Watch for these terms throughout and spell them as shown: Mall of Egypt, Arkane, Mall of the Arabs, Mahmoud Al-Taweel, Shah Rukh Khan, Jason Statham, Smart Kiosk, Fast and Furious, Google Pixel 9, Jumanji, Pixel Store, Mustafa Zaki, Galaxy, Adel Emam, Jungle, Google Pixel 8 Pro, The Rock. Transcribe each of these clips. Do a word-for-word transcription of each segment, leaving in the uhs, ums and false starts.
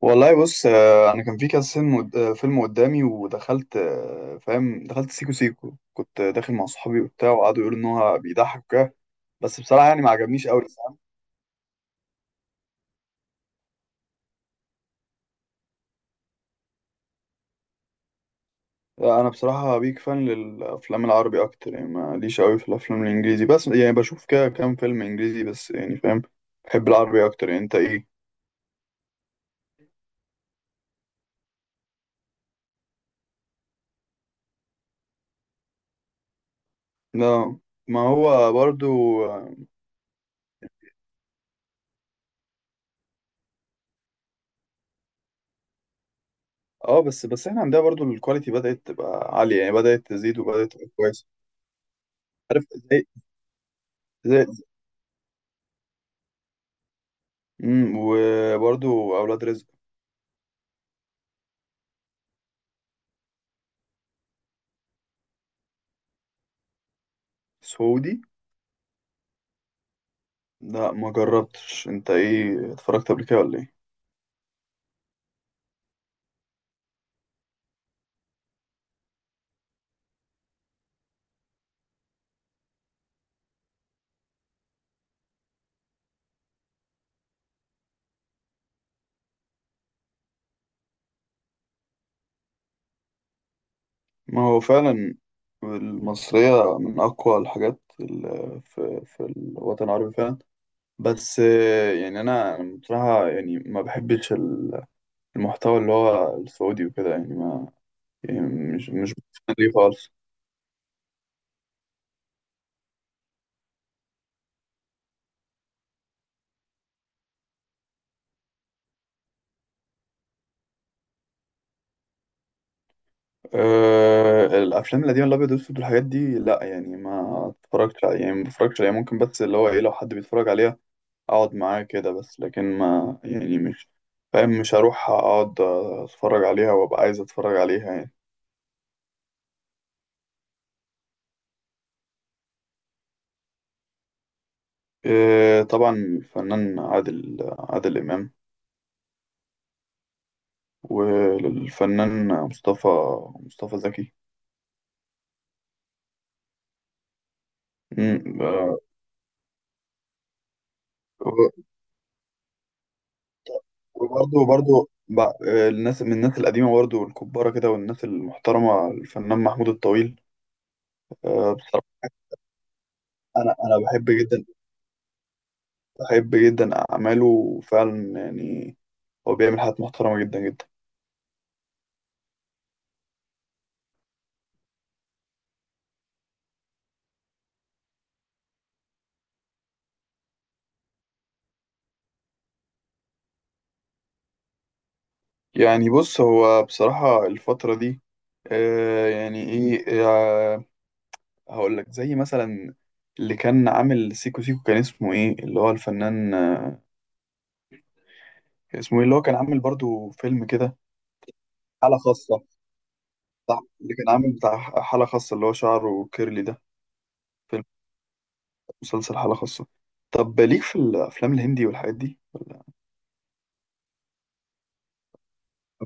والله بص، آه، انا كان في كذا فيلم قد- آه، فيلم قدامي ودخلت، آه، فاهم، دخلت سيكو سيكو كنت داخل مع صحابي وبتاع، وقعدوا يقولوا ان هو بيضحك وكده. بس بصراحه يعني ما عجبنيش قوي، فاهم. آه، انا بصراحه بيك فان للافلام العربي اكتر، يعني ماليش قوي في الافلام الانجليزي، بس يعني بشوف كده كام فيلم انجليزي بس، يعني فاهم. بحب العربي اكتر، يعني انت ايه؟ لا. ما هو برضو. اه. آه، بس بس احنا عندنا برضو الكواليتي بدأت تبقى عالية، يعني بدأت تزيد وبدأت تبقى كويسة. عارف ازاي. زي. امم وبرضو اولاد رزق. سعودي. لا ما جربتش، انت ايه اتفرجت قبل كده ولا ايه؟ ما هو فعلا. المصرية من اقوى الحاجات ال- في في الوطن العربي فعلا. بس آه، يعني انا بصراحة يعني ما بحبش ال- المحتوى اللي هو السعودي وكده، يعني ما، يعني مش مش بتفهم ليه خالص. أه، الافلام القديمة الابيض والاسود والحاجات دي، لا يعني ما اتفرجتش عليها، يعني ما بتفرجش عليها، ممكن بس اللي هو ايه لو حد بيتفرج عليها اقعد معاه كده، بس لكن ما يعني مش فاهم، مش هروح اقعد اتفرج عليها وابقى عايز اتفرج عليها يعني. إيه، طبعا الفنان عادل عادل امام. والفنان مصطفى مصطفى زكي. أمم، آه، وبرضه برضه بع- الناس من الناس القديمة برضه الكبارة كده والناس المحترمة الفنان محمود الطويل. آه، بصراحة أنا أنا بحب جدا بحب جدا أعماله وفعلا يعني هو بيعمل حاجات محترمة جدا جدا. يعني بص، هو بصراحة الفترة دي آه يعني ايه آه هقول لك زي مثلا اللي كان عامل سيكو سيكو كان اسمه ايه، اللي هو الفنان، آه كان اسمه ايه، اللي هو كان عامل برضو فيلم كده، حالة خاصة. صح، اللي كان عامل بتاع حالة خاصة اللي هو شعره كيرلي ده. فيلم، مسلسل حالة خاصة. طب ليك في الأفلام الهندي والحاجات دي ولا؟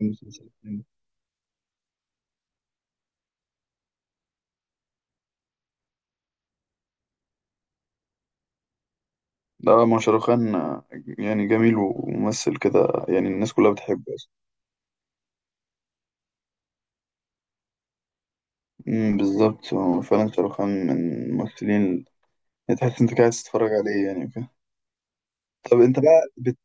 المسلسلات الهندي؟ ده ما شاروخان، آه، يعني جميل وممثل كده، يعني الناس كلها بتحبه. أمم، بالظبط. هو فعلا شاروخ خان من الممثلين اللي تحس انت قاعد تتفرج عليه يعني وكده. طب انت بقى بت...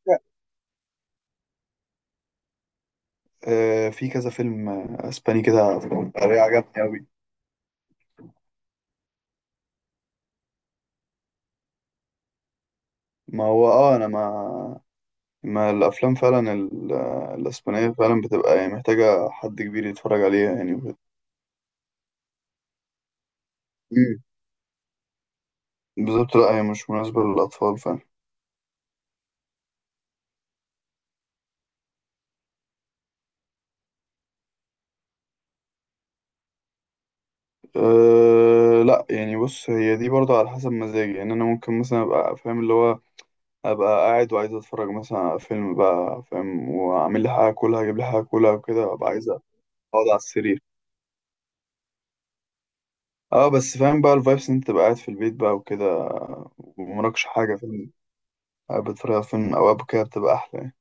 آه في كذا فيلم آه، اسباني كده بطريقة عجبني اوي. ما هو، اه انا ما ما الافلام فعلا ال... آه، الاسبانية فعلا بتبقى يعني محتاجة حد كبير يتفرج عليها يعني وكده. أمم، بالظبط، لا هي مش مناسبة للأطفال فعلا. أه لا، يعني بص، هي دي برضه على حسب مزاجي، يعني أنا ممكن مثلا أبقى فاهم اللي هو ابقى قاعد وعايز اتفرج مثلا على فيلم بقى فاهم، واعمل لي حاجه كلها اجيب لي حاجه كلها وكده، ابقى عايز اقعد على السرير. اه بس، فاهم بقى الفايبس إن انت تبقى قاعد في البيت بقى وكده، ومراكش حاجه فيلم قاعد بتتفرج على فيلم او اب كده، بتبقى احلى يعني.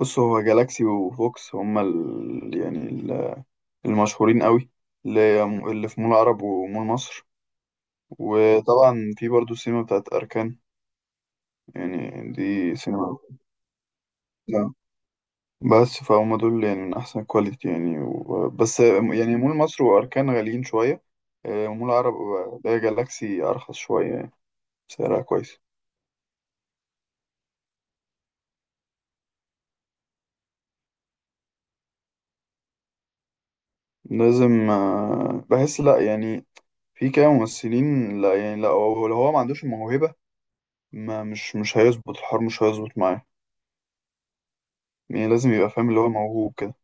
بص، هو جالاكسي وفوكس هما ال... يعني ال- المشهورين قوي، اللي اللي في مول العرب ومول مصر. وطبعا في برضو السينما بتاعت اركان، يعني دي سينما. نعم. بس فهم دول يعني من أحسن كواليتي يعني، و... بس يعني مول مصر وأركان غاليين شوية. آه، مول عرب ده جالاكسي أرخص شوية يعني، سعرها كويس. لازم، آه، بحس لأ يعني، في كده ممثلين لأ يعني، لأ هو لو هو ما عندوش الموهبة، ما مش مش هيظبط الحوار، مش هيظبط معاه، يعني لازم يبقى فاهم اللي هو موهوب كده.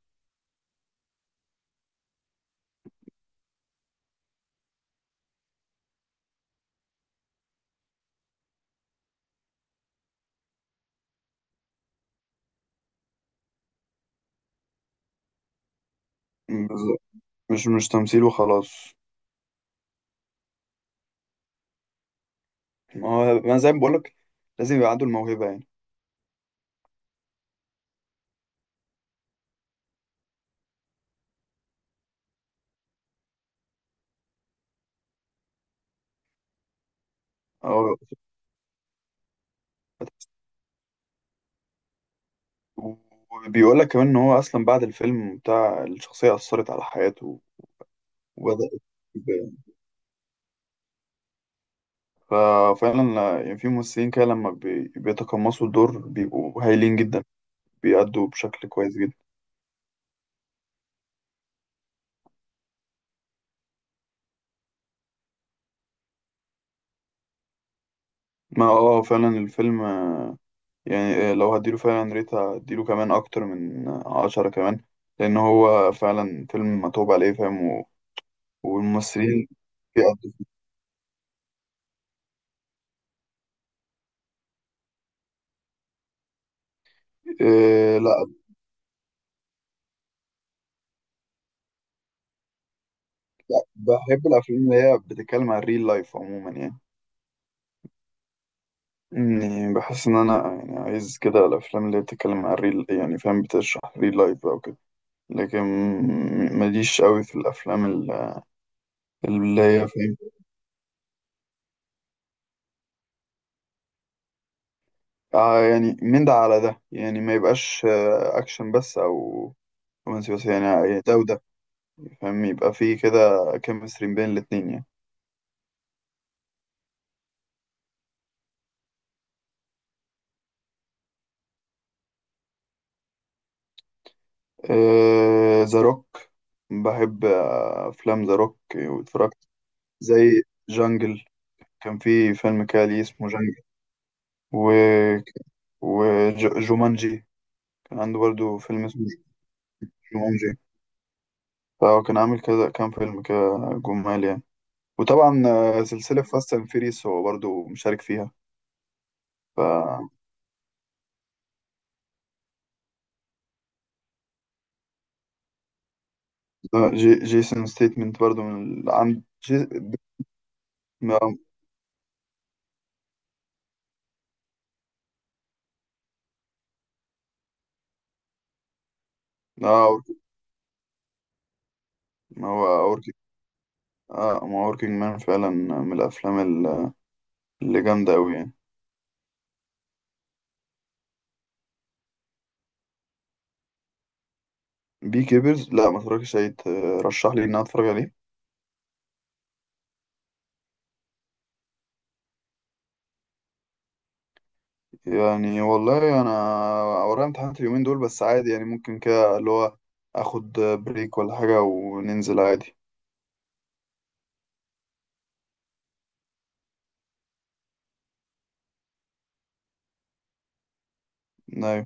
بالظبط. مش مش تمثيل وخلاص. ما هو ما زي ما بقولك لازم يبقى عنده الموهبة يعني. أو. وبيقول لك كمان ان هو اصلا بعد الفيلم بتاع الشخصيه اثرت على حياته، وبدا يبان. ففعلا يعني في ممثلين كده لما بي- بيتقمصوا الدور بيبقوا هايلين جدا، بيأدوا بشكل كويس جدا. ما اه فعلا الفيلم يعني، آه، لو هديله فعلا ريت هديله كمان اكتر من عشرة كمان، لان هو فعلا فيلم متعوب عليه، فاهم، و- والممثلين بيأدوا. إيه لا، بحب الافلام اللي هي بتتكلم عن الريل لايف عموما يعني، يعني بحس ان انا يعني عايز كده الافلام اللي بتتكلم عن ريل، يعني فاهم، بتشرح ريل لايف او كده. لكن م- ماليش قوي في الافلام ال- اللي هي فاهم. آه يعني من ده على ده يعني، ما يبقاش آه، اكشن بس او رومانسي بس، يعني آه، يعني ده وده، فاهم، يبقى فيه كده كيمستري بين الاتنين يعني. ذا روك. بحب آه، افلام ذا روك، واتفرجت زي جانجل، كان في فيلم كالي اسمه جانجل، و وجومانجي، كان عنده برضو فيلم اسمه جومانجي، فهو كان عامل كذا كام فيلم كده جمال يعني. وطبعا آه، سلسلة فاست اند فيريس هو برضو مشارك فيها. ف ده جي... جيسون ستيتمنت برضو من ال- عن جي... ما آه، ما هو أوركينج، اه ما أوركينج مان فعلا من الأفلام ال- اللي جامدة أوي يعني. بي كيبرز لا، ما اتفرجتش عليه، ترشح لي إن أنا أتفرج عليه؟ يعني والله انا ورايا امتحانات اليومين دول، بس عادي يعني ممكن كده اللي هو اخد بريك ولا حاجة وننزل عادي. نايم.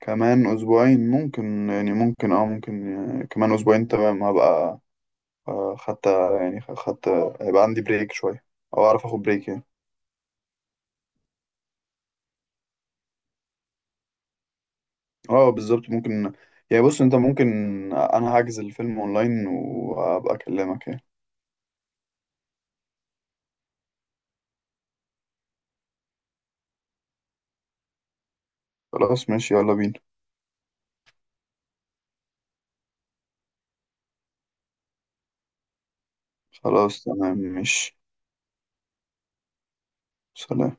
كمان اسبوعين ممكن، يعني ممكن اه ممكن، يعني كمان اسبوعين تمام، هبقى آه، خدت، يعني خدت، هيبقى عندي بريك شوية، او اعرف اخد بريك يعني. اه بالظبط ممكن، يعني بص انت ممكن، انا هحجز الفيلم اونلاين وابقى اكلمك يعني. خلاص ماشي، يلا بينا. خلاص تمام، ماشي. سلام.